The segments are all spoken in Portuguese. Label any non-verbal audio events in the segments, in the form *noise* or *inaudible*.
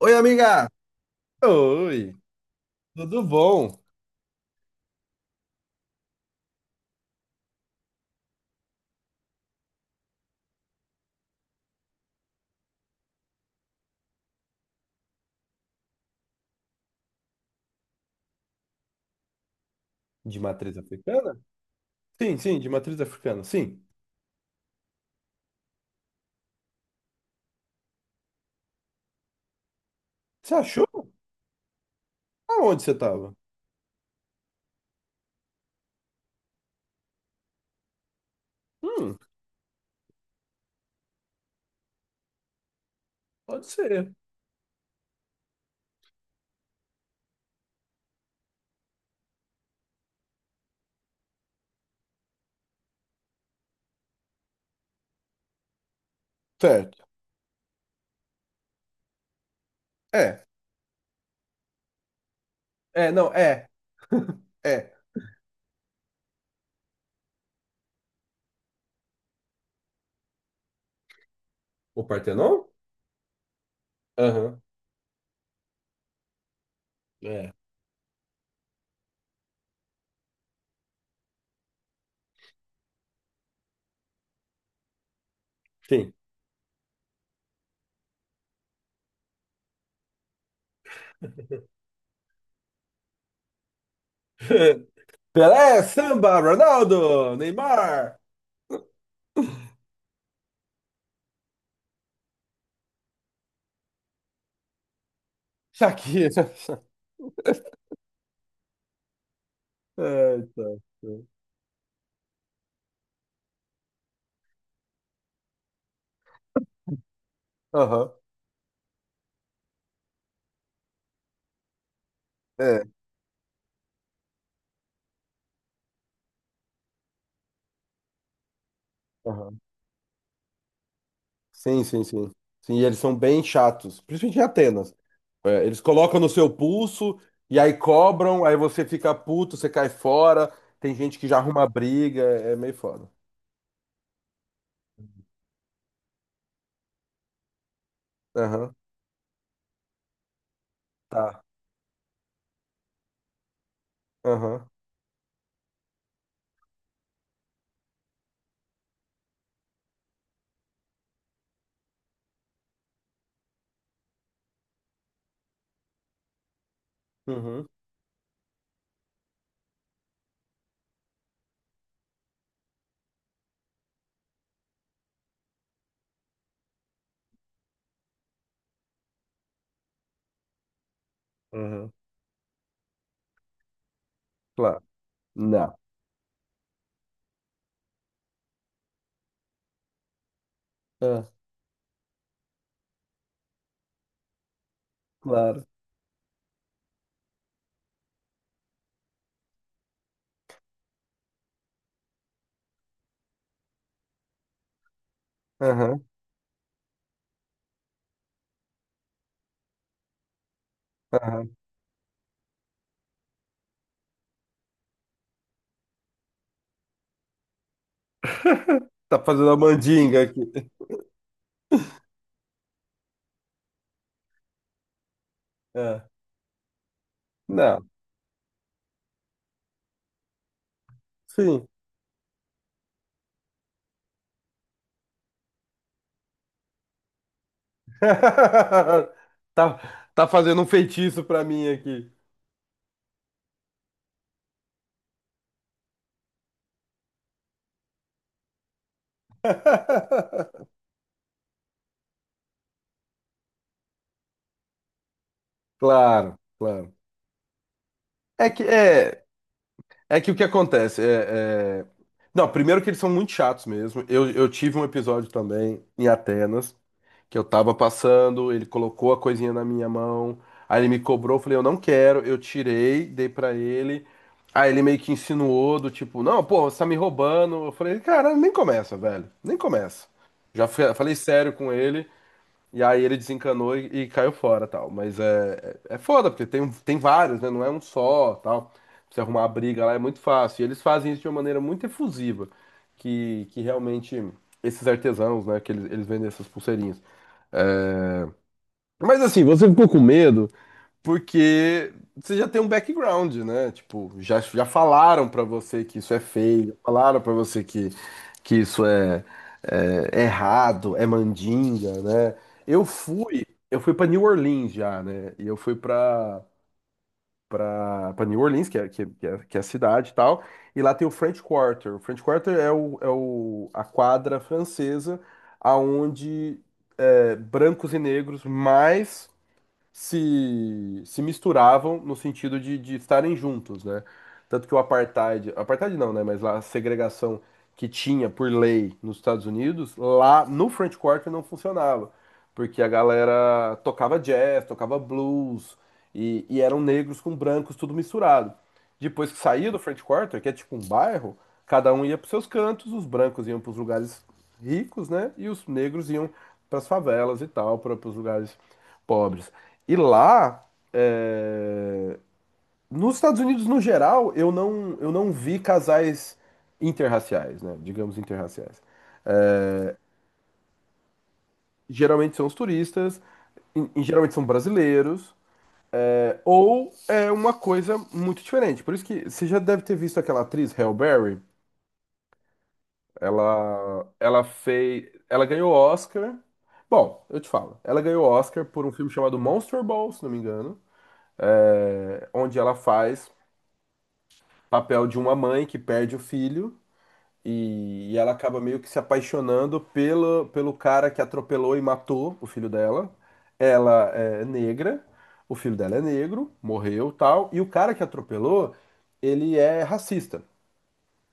Oi, amiga! Oi, tudo bom? De matriz africana? Sim, sim, de matriz africana, sim. Você achou? Aonde você tava? Hum, pode ser. Certo. É, é, não, é. O Partenon? Aham, é, sim. *laughs* Pelé, Samba, Ronaldo, Neymar, Shakira. *laughs* É, então. Aham, é. Aham. Sim, sim, sim. Sim, e eles são bem chatos, principalmente em Atenas. É, eles colocam no seu pulso e aí cobram, aí você fica puto, você cai fora. Tem gente que já arruma briga, é meio foda. Aham, tá. Aham, uhum, uhum, claro. Não. Ah, claro. Aham, aham. Tá fazendo a mandinga aqui. Ah, não. Sim. *laughs* Tá, tá fazendo um feitiço pra mim aqui. *laughs* Claro, claro. É que é. É que o que acontece é, é- Não, primeiro que eles são muito chatos mesmo. Eu tive um episódio também em Atenas, que eu tava passando, ele colocou a coisinha na minha mão, aí ele me cobrou, eu falei, eu não quero, eu tirei, dei pra ele. Aí ele meio que insinuou do tipo, não, pô, você tá me roubando. Eu falei, cara, nem começa, velho, nem começa. Falei sério com ele. E aí ele desencanou e caiu fora, tal. Mas é foda, porque tem vários, né? Não é um só, tal. Pra você arrumar a briga lá é muito fácil. E eles fazem isso de uma maneira muito efusiva, que realmente esses artesãos, né? Que eles vendem essas pulseirinhas. É, mas assim, você ficou com medo? Porque você já tem um background, né? Tipo, já falaram pra você que isso é feio, falaram pra você que isso é, é errado, é mandinga, né? Eu fui, eu fui para New Orleans já, né? E eu fui pra para para New Orleans, que é a cidade e tal, e lá tem o French Quarter. O French Quarter é a quadra francesa aonde é, brancos e negros mais se misturavam no sentido de estarem juntos, né? Tanto que o apartheid, apartheid não, né? Mas lá a segregação que tinha por lei nos Estados Unidos, lá no French Quarter não funcionava, porque a galera tocava jazz, tocava blues e eram negros com brancos tudo misturado. Depois que saía do French Quarter, que é tipo um bairro, cada um ia para seus cantos, os brancos iam para os lugares ricos, né? E os negros iam para as favelas e tal, para os lugares pobres. E lá, é, nos Estados Unidos no geral, eu não vi casais interraciais, né? Digamos interraciais. Geralmente são os turistas, e geralmente são brasileiros, é, ou é uma coisa muito diferente. Por isso que você já deve ter visto aquela atriz, Halle Berry. Ela ganhou Oscar. Bom, eu te falo. Ela ganhou Oscar por um filme chamado Monster Ball, se não me engano, é, onde ela faz papel de uma mãe que perde o filho. E ela acaba meio que se apaixonando pelo, pelo cara que atropelou e matou o filho dela. Ela é negra, o filho dela é negro, morreu tal. E o cara que atropelou, ele é racista,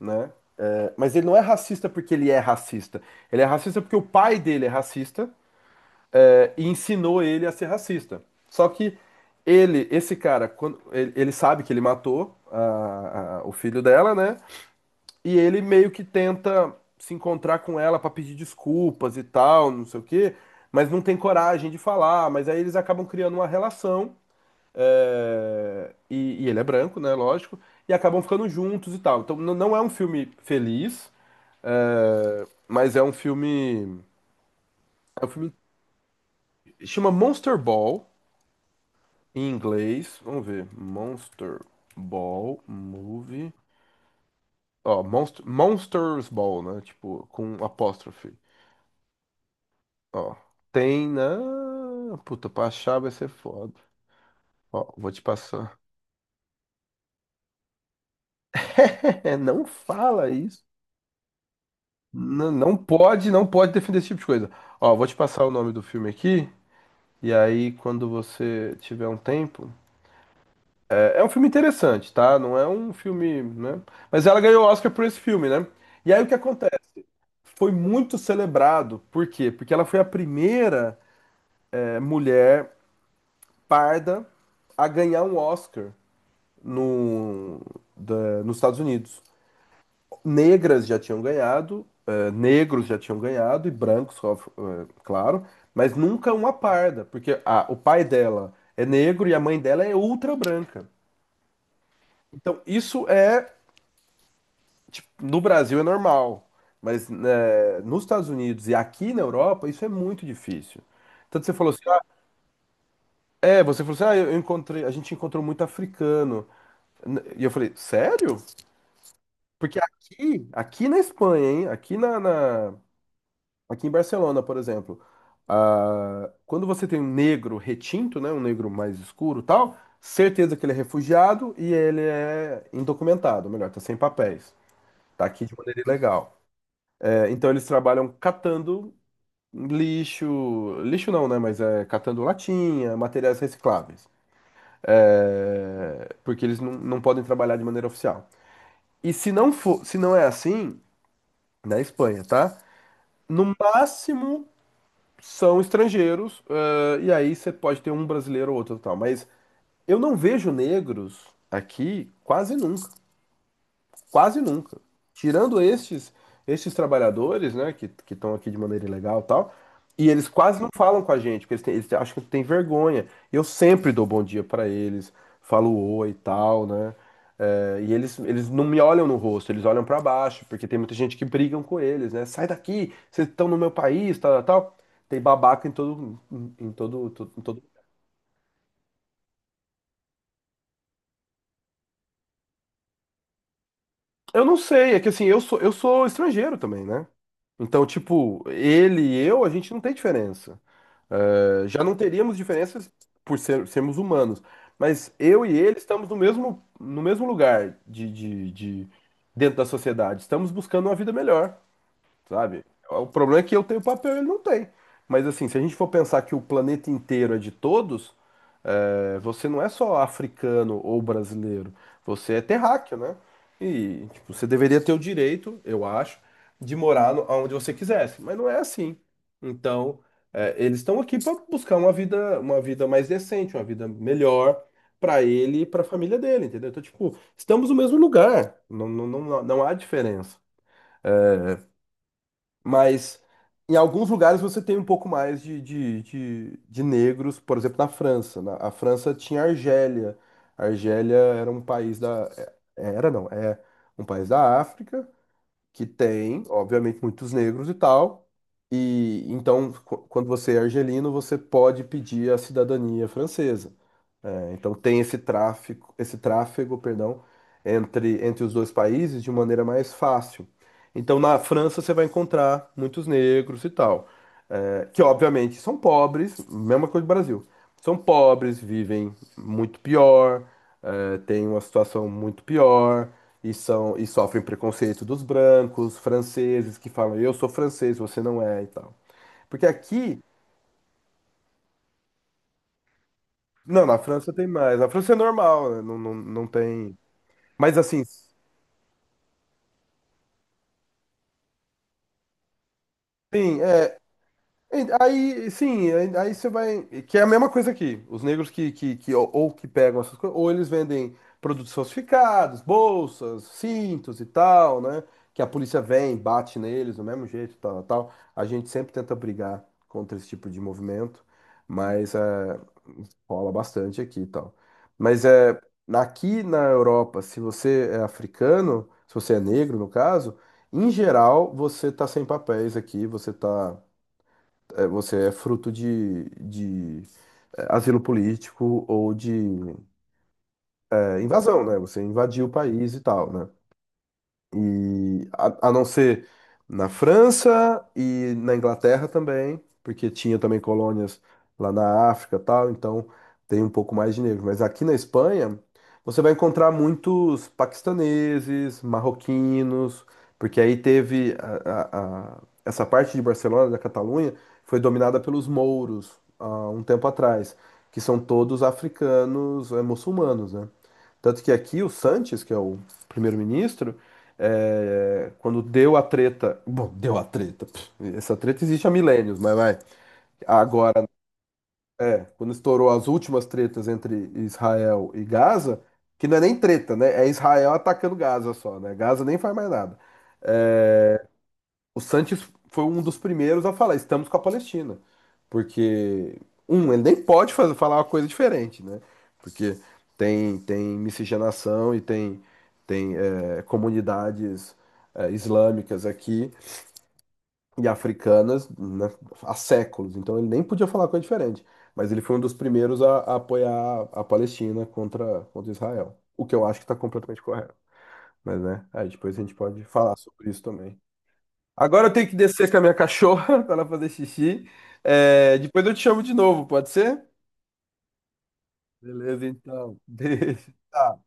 né? É, mas ele não é racista porque ele é racista. Ele é racista porque o pai dele é racista, é, e ensinou ele a ser racista. Só que esse cara, ele sabe que ele matou o filho dela, né? E ele meio que tenta se encontrar com ela pra pedir desculpas e tal, não sei o quê, mas não tem coragem de falar. Mas aí eles acabam criando uma relação. E ele é branco, né? Lógico. E acabam ficando juntos e tal. Então não é um filme feliz, é, mas é um filme. É um filme. Chama Monster Ball em inglês. Vamos ver. Monster Ball Movie. Ó, Monsters Ball, né? Tipo, com apóstrofe. Ó, tem na. Puta, pra achar vai ser foda. Ó, vou te passar. *laughs* É, não fala isso. Não, não pode defender esse tipo de coisa. Ó, vou te passar o nome do filme aqui. E aí, quando você tiver um tempo. É, é um filme interessante, tá? Não é um filme, né? Mas ela ganhou o Oscar por esse filme, né? E aí o que acontece? Foi muito celebrado. Por quê? Porque ela foi a primeira, é, mulher parda a ganhar um Oscar no, da- nos Estados Unidos. Negras já tinham ganhado, negros já tinham ganhado, e brancos, claro, mas nunca uma parda, porque o pai dela é negro e a mãe dela é ultra branca. Então, isso é, tipo, no Brasil é normal, mas né, nos Estados Unidos e aqui na Europa, isso é muito difícil. Tanto você falou assim, ah, é, você falou assim, ah, eu encontrei, a gente encontrou muito africano. E eu falei, sério? Porque aqui, aqui na Espanha, hein? Aqui em Barcelona, por exemplo, ah, quando você tem um negro retinto, né, um negro mais escuro, e tal, certeza que ele é refugiado e ele é indocumentado, melhor, tá sem papéis, tá aqui de maneira ilegal. É, então eles trabalham catando lixo, lixo não, né, mas é catando latinha, materiais recicláveis. É, porque eles não podem trabalhar de maneira oficial. E se não for, se não é assim na Espanha, tá? No máximo são estrangeiros, eh, e aí você pode ter um brasileiro ou outro e tal. Mas eu não vejo negros aqui quase nunca. Quase nunca. Tirando estes, estes trabalhadores, né, que estão aqui de maneira ilegal e tal, e eles quase não falam com a gente, porque eles, têm, eles acham que tem vergonha. Eu sempre dou bom dia pra eles, falo oi e tal, né? É, e eles não me olham no rosto, eles olham pra baixo, porque tem muita gente que brigam com eles, né? Sai daqui, vocês estão no meu país, tal, tal. Tal. Tem babaca em todo, eu não sei, é que assim, eu sou estrangeiro também, né? Então, tipo, ele e eu, a gente não tem diferença. É, já não teríamos diferenças por sermos humanos. Mas eu e ele estamos no mesmo, no mesmo lugar dentro da sociedade. Estamos buscando uma vida melhor, sabe? O problema é que eu tenho papel e ele não tem. Mas assim, se a gente for pensar que o planeta inteiro é de todos, é, você não é só africano ou brasileiro, você é terráqueo, né? E tipo, você deveria ter o direito, eu acho, de morar onde você quisesse, mas não é assim. Então, é, eles estão aqui para buscar uma vida mais decente, uma vida melhor para ele e para a família dele, entendeu? Então, tipo, estamos no mesmo lugar, não há diferença. Mas em alguns lugares você tem um pouco mais de negros, por exemplo, na França. A França tinha Argélia. A Argélia era um país da. É- Era, não, É um país da África que tem, obviamente, muitos negros e tal. E então, quando você é argelino, você pode pedir a cidadania francesa. É, então tem esse tráfico, esse tráfego, perdão, entre, entre os dois países de maneira mais fácil. Então na França você vai encontrar muitos negros e tal, é, que obviamente são pobres, mesma coisa do Brasil. São pobres, vivem muito pior, é, têm uma situação muito pior. E, são, e sofrem preconceito dos brancos, franceses, que falam, eu sou francês, você não é e tal. Porque aqui, não, na França tem mais. Na França é normal, né? Não tem. Mas assim, sim, é, aí, sim, aí você vai. Que é a mesma coisa aqui. Os negros que ou que pegam essas coisas, ou eles vendem produtos falsificados, bolsas, cintos e tal, né? Que a polícia vem, bate neles do mesmo jeito, tal, tal. A gente sempre tenta brigar contra esse tipo de movimento, mas é, rola bastante aqui e tal. Mas é, aqui na Europa, se você é africano, se você é negro, no caso, em geral, você tá sem papéis aqui, você tá é, você é fruto de é, asilo político ou de é, invasão, né? Você invadiu o país e tal, né? E a não ser na França e na Inglaterra também, porque tinha também colônias lá na África, e tal, então tem um pouco mais de negro, mas aqui na Espanha você vai encontrar muitos paquistaneses, marroquinos, porque aí teve essa parte de Barcelona, da Catalunha, foi dominada pelos mouros há um tempo atrás, que são todos africanos, eh, muçulmanos, né? Tanto que aqui o Sanches, que é o primeiro-ministro, é, quando deu a treta. Bom, deu a treta. Pff, essa treta existe há milênios, mas vai. Agora, é, quando estourou as últimas tretas entre Israel e Gaza, que não é nem treta, né? É Israel atacando Gaza só, né? Gaza nem faz mais nada. É, o Sanches foi um dos primeiros a falar, estamos com a Palestina. Porque, um, ele nem pode fazer, falar uma coisa diferente, né? Porque tem, tem miscigenação e tem, tem é, comunidades é, islâmicas aqui e africanas né, há séculos. Então ele nem podia falar coisa diferente. Mas ele foi um dos primeiros a apoiar a Palestina contra, contra Israel. O que eu acho que está completamente correto. Mas, né? Aí depois a gente pode falar sobre isso também. Agora eu tenho que descer com a minha cachorra *laughs* para ela fazer xixi. É, depois eu te chamo de novo, pode ser? Beleza, então. Beijo. Tchau.